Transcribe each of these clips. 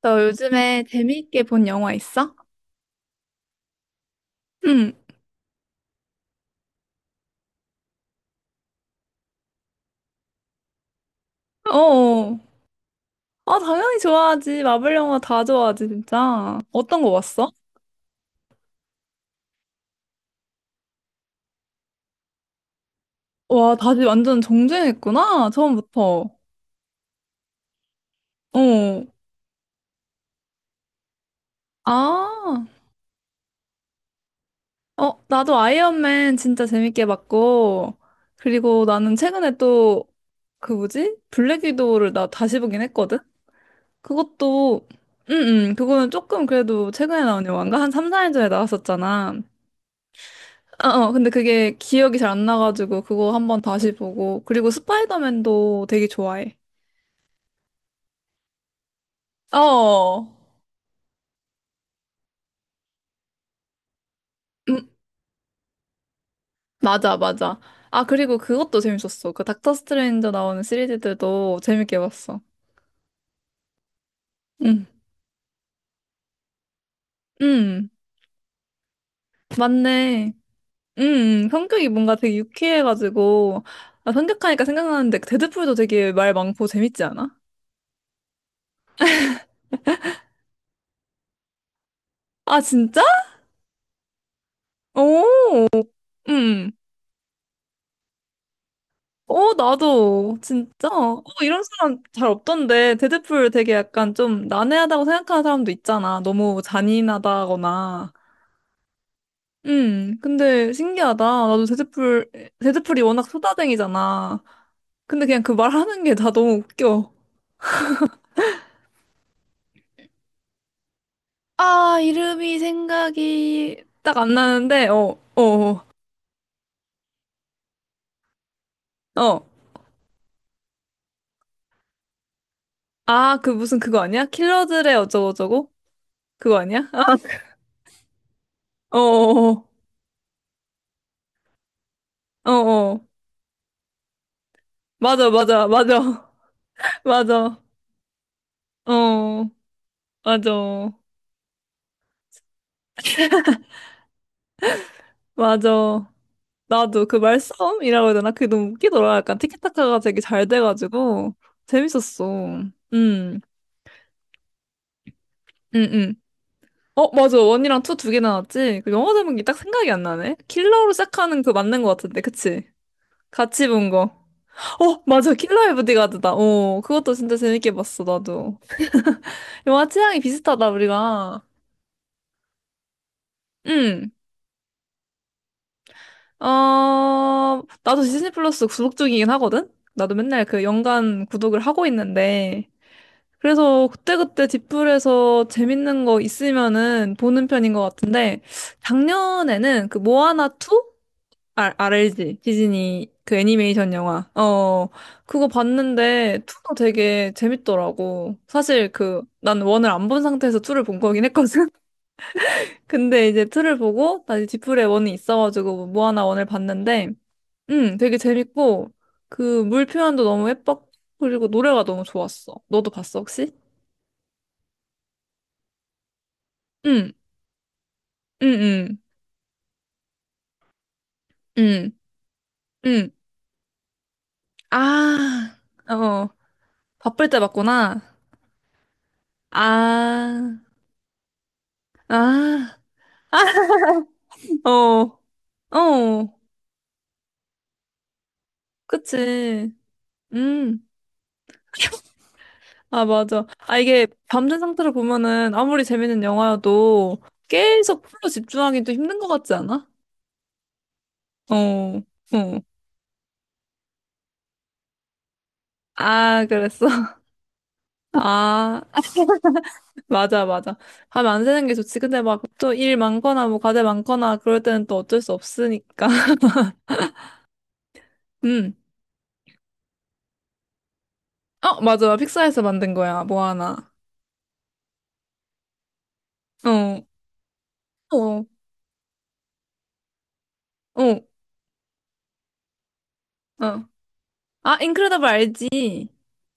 너 요즘에 재미있게 본 영화 있어? 응. 어. 아, 당연히 좋아하지. 마블 영화 다 좋아하지, 진짜. 어떤 거 봤어? 와, 다시 완전 정주행했구나. 처음부터. 어. 아. 어, 나도 아이언맨 진짜 재밌게 봤고. 그리고 나는 최근에 또, 그 뭐지? 블랙 위도우를 나 다시 보긴 했거든? 그것도, 응, 응. 그거는 조금 그래도 최근에 나온 영화인가? 한 3, 4년 전에 나왔었잖아. 아, 어, 어, 근데 그게 기억이 잘 안 나가지고 그거 한번 다시 보고 그리고 스파이더맨도 되게 좋아해. 어, 음, 맞아, 맞아. 아, 그리고 그것도 재밌었어. 그 닥터 스트레인저 나오는 시리즈들도 재밌게 봤어. 응, 응, 맞네. 응, 성격이 뭔가 되게 유쾌해가지고 아, 생하니까 생각나는데 그 데드풀도 되게 말 많고 재밌지 않아? 아, 진짜? 오, 응. 어, 나도, 진짜. 어, 이런 사람 잘 없던데. 데드풀 되게 약간 좀 난해하다고 생각하는 사람도 있잖아. 너무 잔인하다거나. 근데 신기하다. 나도 데드풀, 데드풀이 워낙 소다쟁이잖아. 근데 그냥 그 말하는 게 다 너무 웃겨. 아, 이름이 생각이 딱 안 나는데, 어, 어, 어. 어. 아, 그 무슨 그거 아니야? 킬러들의 어쩌고저쩌고? 그거 아니야? 아, 어, 어, 어, 어. 어. 맞아, 맞아, 맞아. 맞아. 어, 맞아. 맞아. 나도 그 말싸움이라고 해야 되나? 그게 너무 웃기더라. 약간 티키타카가 되게 잘 돼가지고 재밌었어. 음. 어, 맞아. 원이랑 투 두 개 나왔지? 그 영화 제목이 딱 생각이 안 나네. 킬러로 시작하는 그 맞는 것 같은데, 그치? 같이 본 거. 어, 맞아. 킬러의 보디가드다. 어, 그것도 진짜 재밌게 봤어, 나도. 영화 취향이 비슷하다, 우리가. 응. 어, 나도 디즈니 플러스 구독 중이긴 하거든? 나도 맨날 그 연간 구독을 하고 있는데. 그래서 그때그때 뒷불에서 재밌는 거 있으면은 보는 편인 것 같은데, 작년에는 그 모아나 2? 아, RLG. 디즈니 그 애니메이션 영화. 어, 그거 봤는데 2도 되게 재밌더라고. 사실 그, 난 1을 안 본 상태에서 2를 본 거긴 했거든? 근데 이제 2를 보고, 다시 뒷불에 1이 있어가지고 모아나 1을 봤는데, 응, 되게 재밌고, 그, 물 표현도 너무 예뻤고, 그리고 노래가 너무 좋았어. 너도 봤어, 혹시? 응, 응, 응, 응, 응. 아, 어, 바쁠 때 봤구나. 아, 아, 어, 어, 그치. 음, 아, 맞아. 아, 이게 밤된 상태로 보면은 아무리 재밌는 영화여도 계속 풀로 집중하기도 힘든 것 같지 않아? 어, 어. 아, 그랬어. 아. 맞아, 맞아. 하면 안 새는 게 좋지. 근데 막 또 일 많거나 뭐 과제 많거나 그럴 때는 또 어쩔 수 없으니까. 음. 어, 맞아. 픽사에서 만든 거야. 뭐 하나. 어. 어. 어. 어. 아, 인크레더블 알지?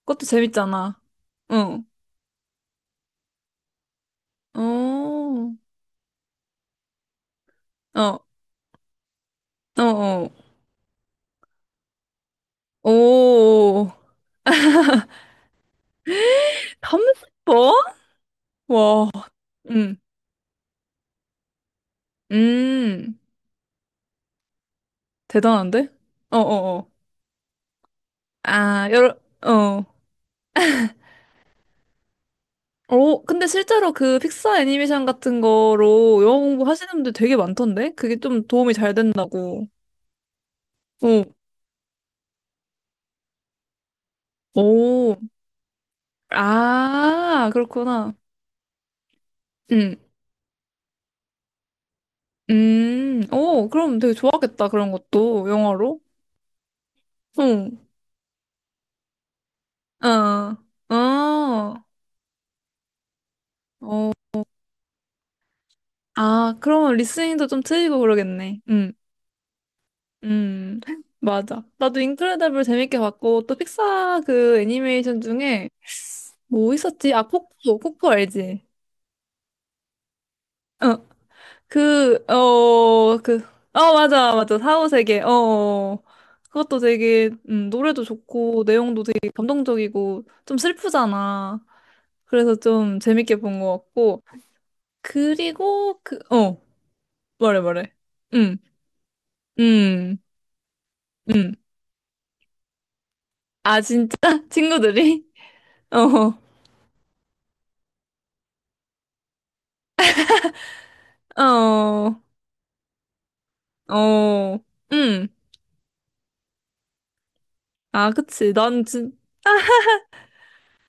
그것도 재밌잖아. 어. 어. 어. 어. 어. 오. 컴스포? 와. 음. 음. 대단한데? 어, 어, 어. 아, 여러 어. 어, 근데 실제로 그 픽사 애니메이션 같은 거로 영어 공부 하시는 분들 되게 많던데? 그게 좀 도움이 잘 된다고. 어, 오, 아, 그렇구나. 음, 오, 그럼 되게 좋아하겠다, 그런 것도, 영어로. 응, 어, 어, 어, 아, 그러면 리스닝도 좀 트이고 그러겠네. 음, 맞아. 나도 인크레더블 재밌게 봤고, 또 픽사 그 애니메이션 중에 뭐 있었지? 아, 코코, 코코 알지? 어. 그, 어, 그, 어, 맞아, 맞아. 사후세계, 어, 어. 어. 그것도 되게, 노래도 좋고, 내용도 되게 감동적이고, 좀 슬프잖아. 그래서 좀 재밌게 본 것 같고. 그리고, 그, 어, 말해, 말해. 음, 음, 음. 아, 진짜? 친구들이? 어, 어, 어, 음. 아, 그치. 난, 진,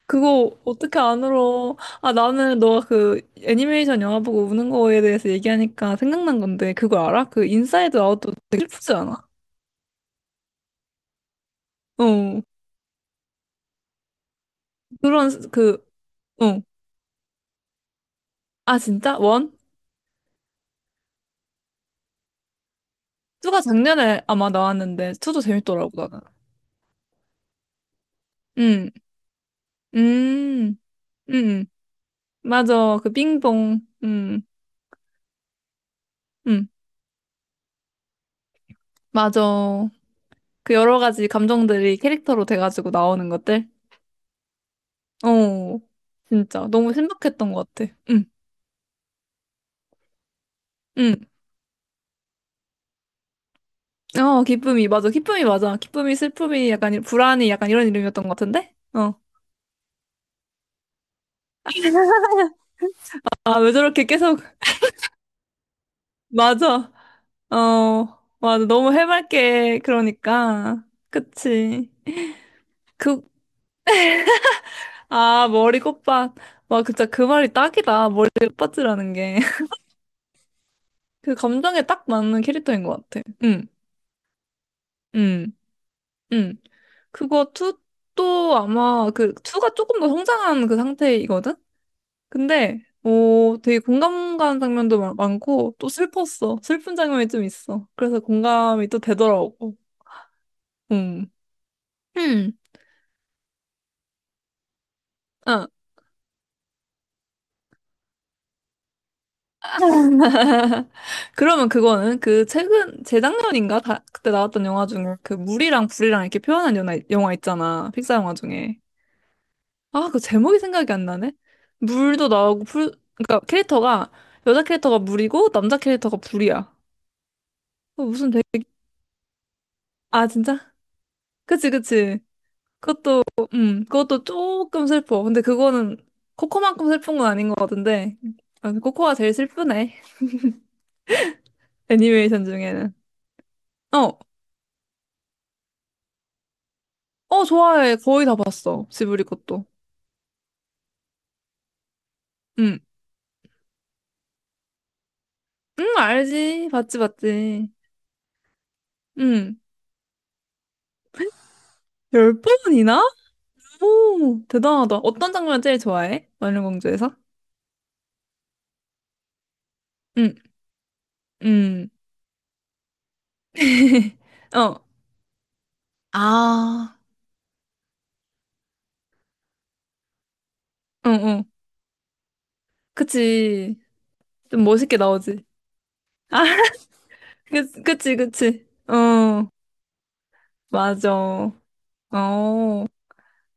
그거 어떻게 안 울어? 아, 나는 너가 그 애니메이션 영화 보고 우는 거에 대해서 얘기하니까 생각난 건데, 그거 알아? 그 인사이드 아웃도 되게 슬프지 않아? 어. 그런, 그, 어. 아, 진짜? 원? 투가 작년에 아마 나왔는데, 투도 재밌더라고, 나는. 응, 음, 음, 맞아. 그 빙봉, 음, 맞아. 그 여러 가지 감정들이 캐릭터로 돼가지고 나오는 것들? 어, 진짜. 너무 신박했던 것 같아. 응. 응. 어, 기쁨이, 맞아. 기쁨이, 맞아. 기쁨이, 슬픔이, 약간, 이- 불안이, 약간 이런 이름이었던 것 같은데? 어. 아, 왜 저렇게 계속, 맞아. 어, 맞아. 너무 해맑게, 그러니까. 그치. 그, 아, 머리 꽃밭. 와, 진짜 그 말이 딱이다. 머리 꽃밭이라는 게. 그 감정에 딱 맞는 캐릭터인 것 같아. 응, 응, 응. 그거 투 또 아마 그, 투가 조금 더 성장한 그 상태이거든? 근데 어 되게 공감 가는 장면도 많고 또 슬펐어. 슬픈 장면이 좀 있어. 그래서 공감이 또 되더라고. 음. 음. 아. 그러면 그거는 그 최근 재작년인가 다, 그때 나왔던 영화 중에 그 물이랑 불이랑 이렇게 표현한 영화, 영화 있잖아. 픽사 영화 중에. 아, 그 제목이 생각이 안 나네. 물도 나오고 불 그러니까 캐릭터가 여자 캐릭터가 물이고 남자 캐릭터가 불이야. 어, 무슨 되게 아, 진짜? 그치, 그치. 그것도, 그것도 조금 슬퍼. 근데 그거는 코코만큼 슬픈 건 아닌 것 같은데. 아, 코코가 제일 슬프네. 애니메이션 중에는. 어, 어, 좋아해. 거의 다 봤어. 지브리 것도. 응, 응, 알지. 봤지, 봤지. 응. 열 번이나? 오, 대단하다. 어떤 장면 제일 좋아해? 마녀공주에서? 응, 응. 어, 아, 응, 응. 그치. 좀 멋있게 나오지. 아, 그, 그치, 그치. 어, 맞아. 어,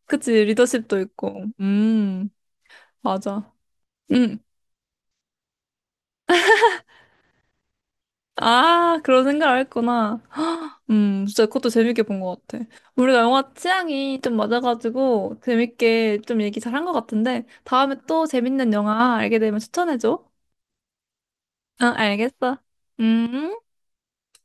그치, 리더십도 있고. 맞아. 음, 아, 그런 생각을 했구나. 헉, 진짜 그것도 재밌게 본 것 같아. 우리가 영화 취향이 좀 맞아가지고 재밌게 좀 얘기 잘 한 것 같은데, 다음에 또 재밌는 영화 알게 되면 추천해줘. 응, 알겠어. 음.